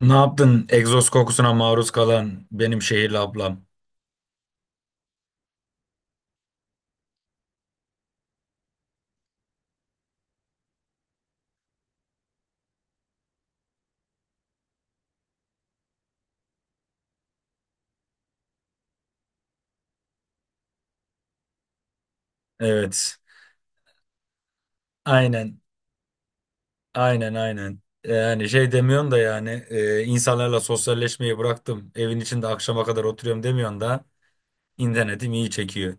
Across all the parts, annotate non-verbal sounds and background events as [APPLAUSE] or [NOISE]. Ne yaptın egzoz kokusuna maruz kalan benim şehirli ablam? Evet. Aynen. Aynen aynen. Yani şey demiyorsun da insanlarla sosyalleşmeyi bıraktım. Evin içinde akşama kadar oturuyorum demiyorsun da internetim iyi çekiyor.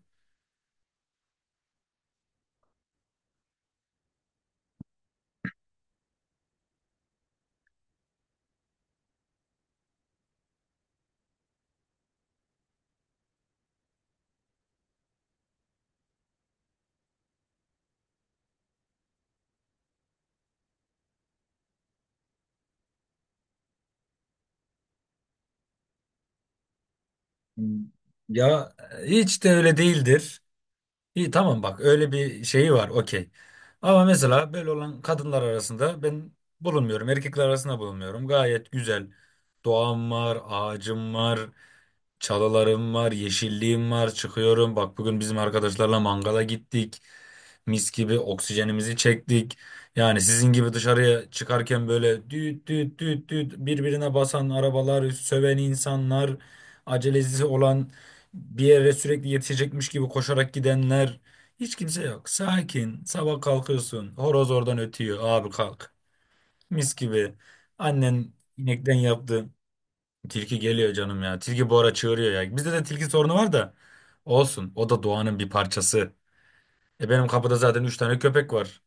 Hmm. Ya hiç de öyle değildir. İyi tamam bak öyle bir şeyi var, okey. Ama mesela böyle olan kadınlar arasında ben bulunmuyorum. Erkekler arasında bulunmuyorum. Gayet güzel. Doğam var, ağacım var. Çalılarım var, yeşilliğim var. Çıkıyorum. Bak, bugün bizim arkadaşlarla mangala gittik. Mis gibi oksijenimizi çektik. Yani sizin gibi dışarıya çıkarken böyle düt düt düt düt birbirine basan arabalar, söven insanlar, acelesi olan, bir yere sürekli yetişecekmiş gibi koşarak gidenler. Hiç kimse yok. Sakin. Sabah kalkıyorsun. Horoz oradan ötüyor. Abi kalk. Mis gibi. Annen inekten yaptı. Tilki geliyor canım ya. Tilki bu ara çığırıyor ya. Bizde de tilki sorunu var da olsun. O da doğanın bir parçası. E benim kapıda zaten 3 tane köpek var.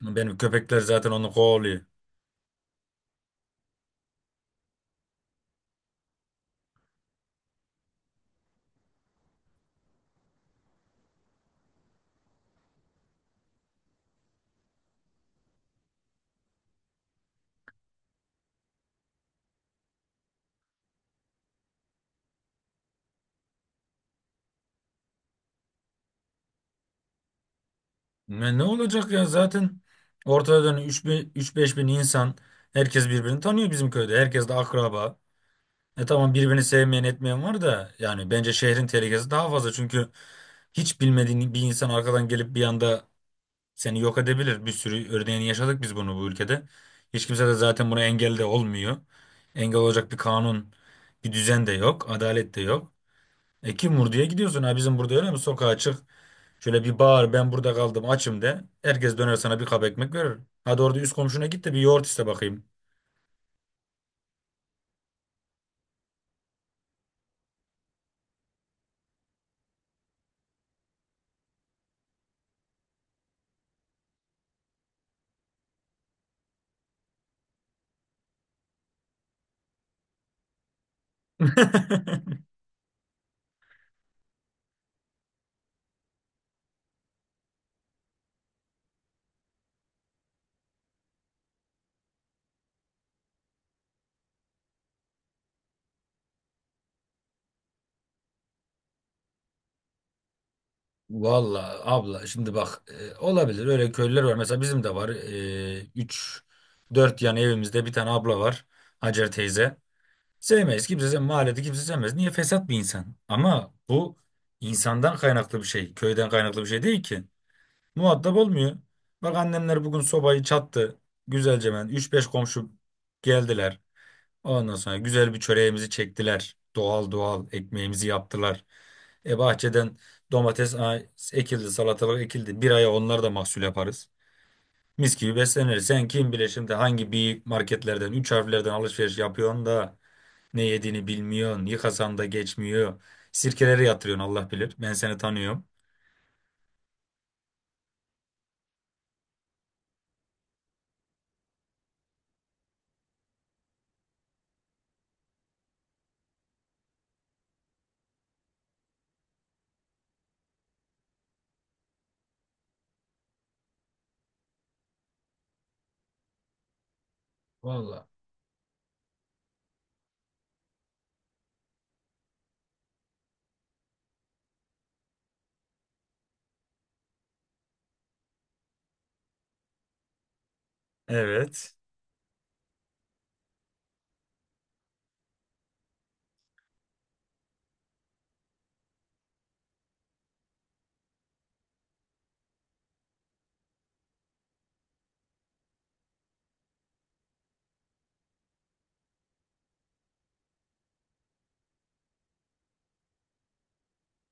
Benim köpekler zaten onu kovalıyor. Ne olacak ya, zaten ortada üç beş bin insan. Herkes birbirini tanıyor bizim köyde. Herkes de akraba. E tamam, birbirini sevmeyen etmeyen var da yani bence şehrin tehlikesi daha fazla, çünkü hiç bilmediğin bir insan arkadan gelip bir anda seni yok edebilir. Bir sürü örneğini yaşadık biz bunu bu ülkede. Hiç kimse de zaten buna engel de olmuyor. Engel olacak bir kanun, bir düzen de yok, adalet de yok. E kim vur diye gidiyorsun, ha bizim burada öyle mi? Sokağa çık, şöyle bir bağır, ben burada kaldım açım de. Herkes döner sana bir kap ekmek verir. Hadi orada üst komşuna git de bir yoğurt iste bakayım. [LAUGHS] Vallahi abla şimdi bak, olabilir, öyle köylüler var mesela, bizim de var. 3 4 yan evimizde bir tane abla var, Hacer teyze. Sevmez. Kimse sevmez. Mahallede kimse sevmez. Niye? Fesat bir insan. Ama bu insandan kaynaklı bir şey. Köyden kaynaklı bir şey değil ki. Muhatap olmuyor. Bak annemler bugün sobayı çattı. Güzelce ben. 3-5 komşu geldiler. Ondan sonra güzel bir çöreğimizi çektiler. Doğal doğal ekmeğimizi yaptılar. E bahçeden domates a- ekildi, salatalık ekildi. Bir aya onlar da mahsul yaparız. Mis gibi besleniriz. Sen kim bile şimdi hangi bir marketlerden, üç harflerden alışveriş yapıyorsun da ne yediğini bilmiyorsun. Yıkasanda geçmiyor. Sirkelere yatırıyorsun, Allah bilir. Ben seni tanıyorum. Vallahi. Evet.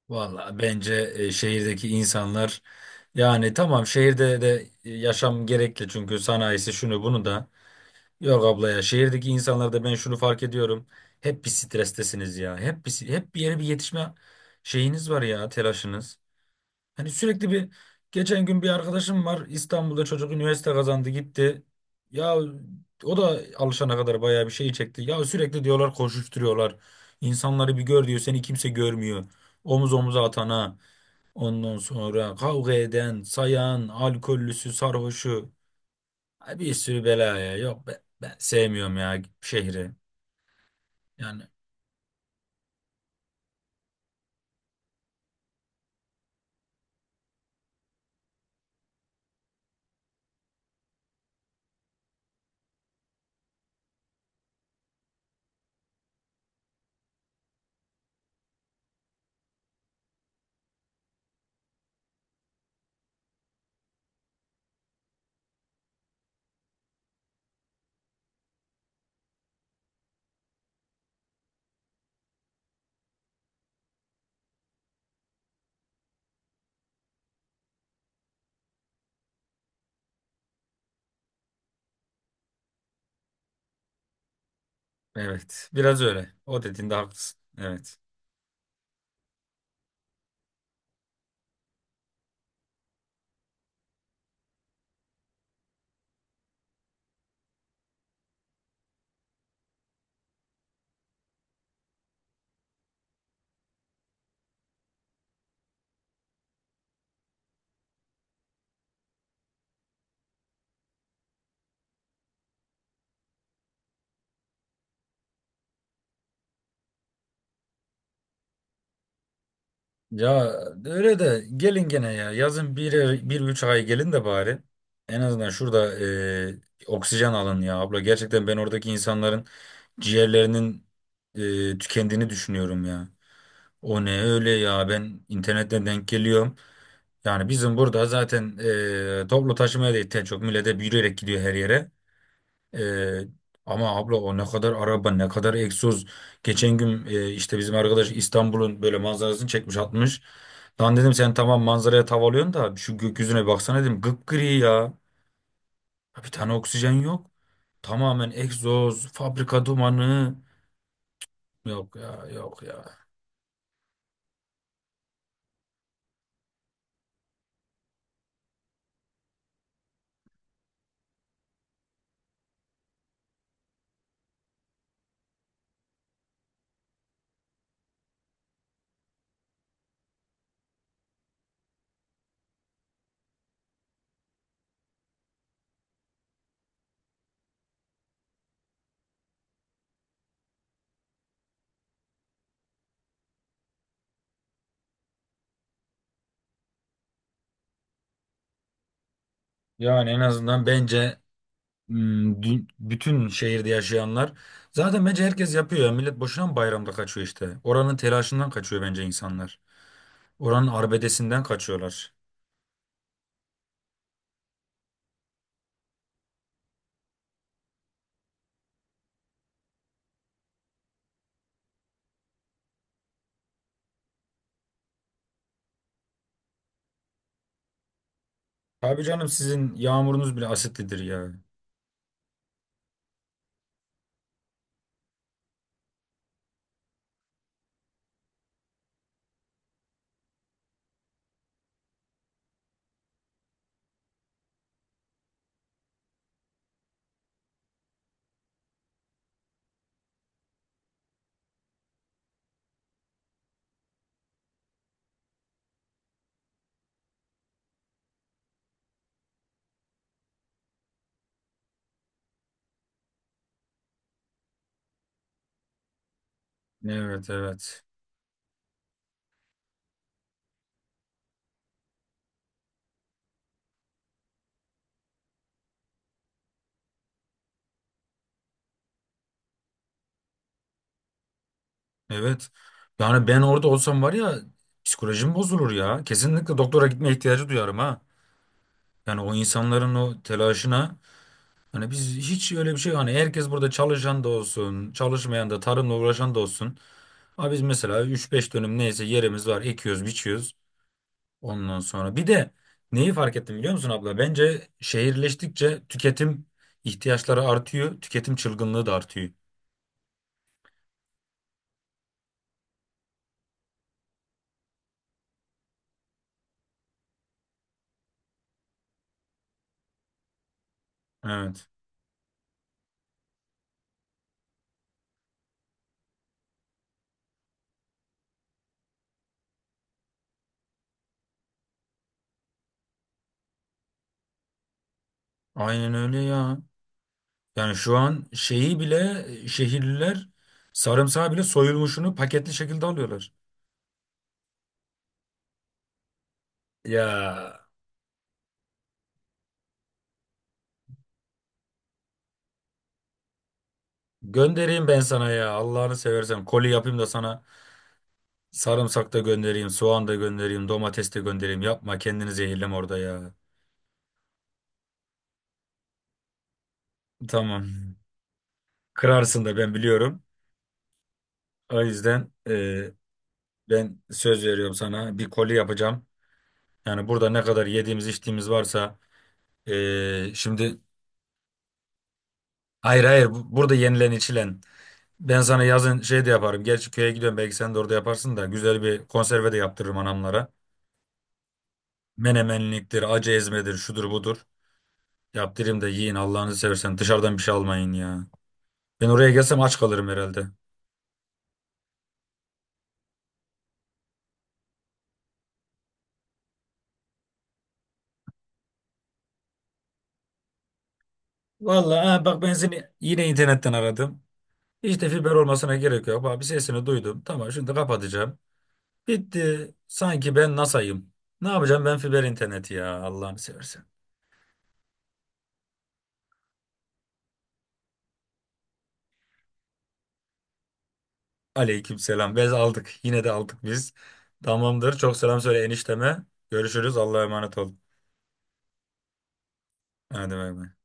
Valla bence şehirdeki insanlar, yani tamam, şehirde de yaşam gerekli çünkü sanayisi şunu bunu da. Yok abla ya, şehirdeki insanlarda ben şunu fark ediyorum. Hep bir strestesiniz ya. Hep bir yere bir yetişme şeyiniz var ya, telaşınız. Hani sürekli bir, geçen gün bir arkadaşım var İstanbul'da, çocuk üniversite kazandı gitti. Ya o da alışana kadar bayağı bir şey çekti. Ya sürekli diyorlar, koşuşturuyorlar. İnsanları bir gör diyor, seni kimse görmüyor. Omuz omuza atana, ondan sonra kavga eden, sayan, alkollüsü, sarhoşu. Ay, bir sürü belaya, yok ben, sevmiyorum ya şehri. Yani evet, biraz öyle. O dediğinde haklısın. Evet. Ya öyle de gelin gene ya. Yazın bir üç ay gelin de bari. En azından şurada oksijen alın ya abla. Gerçekten ben oradaki insanların ciğerlerinin tükendiğini düşünüyorum ya. O ne öyle ya, ben internetten denk geliyorum. Yani bizim burada zaten toplu taşımaya da ihtiyaç çok. Millete yürüyerek gidiyor her yere. Ee, ama abla, o ne kadar araba, ne kadar egzoz. Geçen gün işte bizim arkadaş İstanbul'un böyle manzarasını çekmiş atmış. Lan dedim, sen tamam manzaraya tav alıyorsun da şu gökyüzüne baksana dedim, gıpgri ya. Ya, bir tane oksijen yok. Tamamen egzoz, fabrika dumanı. Yok ya, yok ya. Yani en azından bence, bütün şehirde yaşayanlar zaten bence herkes yapıyor ya. Millet boşuna mı bayramda kaçıyor işte. Oranın telaşından kaçıyor bence insanlar. Oranın arbedesinden kaçıyorlar. Abi canım sizin yağmurunuz bile asitlidir ya. Evet, evet. Evet. Yani ben orada olsam var ya, psikolojim bozulur ya. Kesinlikle doktora gitmeye ihtiyacı duyarım ha. Yani o insanların o telaşına, hani biz hiç öyle bir şey, hani herkes burada çalışan da olsun, çalışmayan da, tarımla uğraşan da olsun. Abi biz mesela üç beş dönüm neyse yerimiz var, ekiyoruz, biçiyoruz. Ondan sonra bir de neyi fark ettim biliyor musun abla? Bence şehirleştikçe tüketim ihtiyaçları artıyor, tüketim çılgınlığı da artıyor. Evet. Aynen öyle ya. Yani şu an şeyi bile şehirliler, sarımsağı bile soyulmuşunu paketli şekilde alıyorlar. Ya göndereyim ben sana ya, Allah'ını seversen koli yapayım da sana sarımsak da göndereyim, soğan da göndereyim, domates de göndereyim. Yapma, kendini zehirleme orada ya. Tamam. Kırarsın da, ben biliyorum. O yüzden ben söz veriyorum sana, bir koli yapacağım. Yani burada ne kadar yediğimiz içtiğimiz varsa, şimdi hayır hayır bu- burada yenilen içilen. Ben sana yazın şey de yaparım. Gerçi köye gidiyorum, belki sen de orada yaparsın da, güzel bir konserve de yaptırırım anamlara. Menemenliktir, acı ezmedir, şudur budur. Yaptırayım da yiyin, Allah'ınızı seversen dışarıdan bir şey almayın ya. Ben oraya gelsem aç kalırım herhalde. Vallahi ha, bak ben seni yine internetten aradım. Hiç de fiber olmasına gerek yok. Bak, bir sesini duydum. Tamam, şimdi kapatacağım. Bitti. Sanki ben NASA'yım. Ne yapacağım ben fiber interneti ya Allah'ını seversen. Aleyküm selam. Bez aldık. Yine de aldık biz. Tamamdır. Çok selam söyle enişteme. Görüşürüz. Allah'a emanet ol. Hadi bay bay.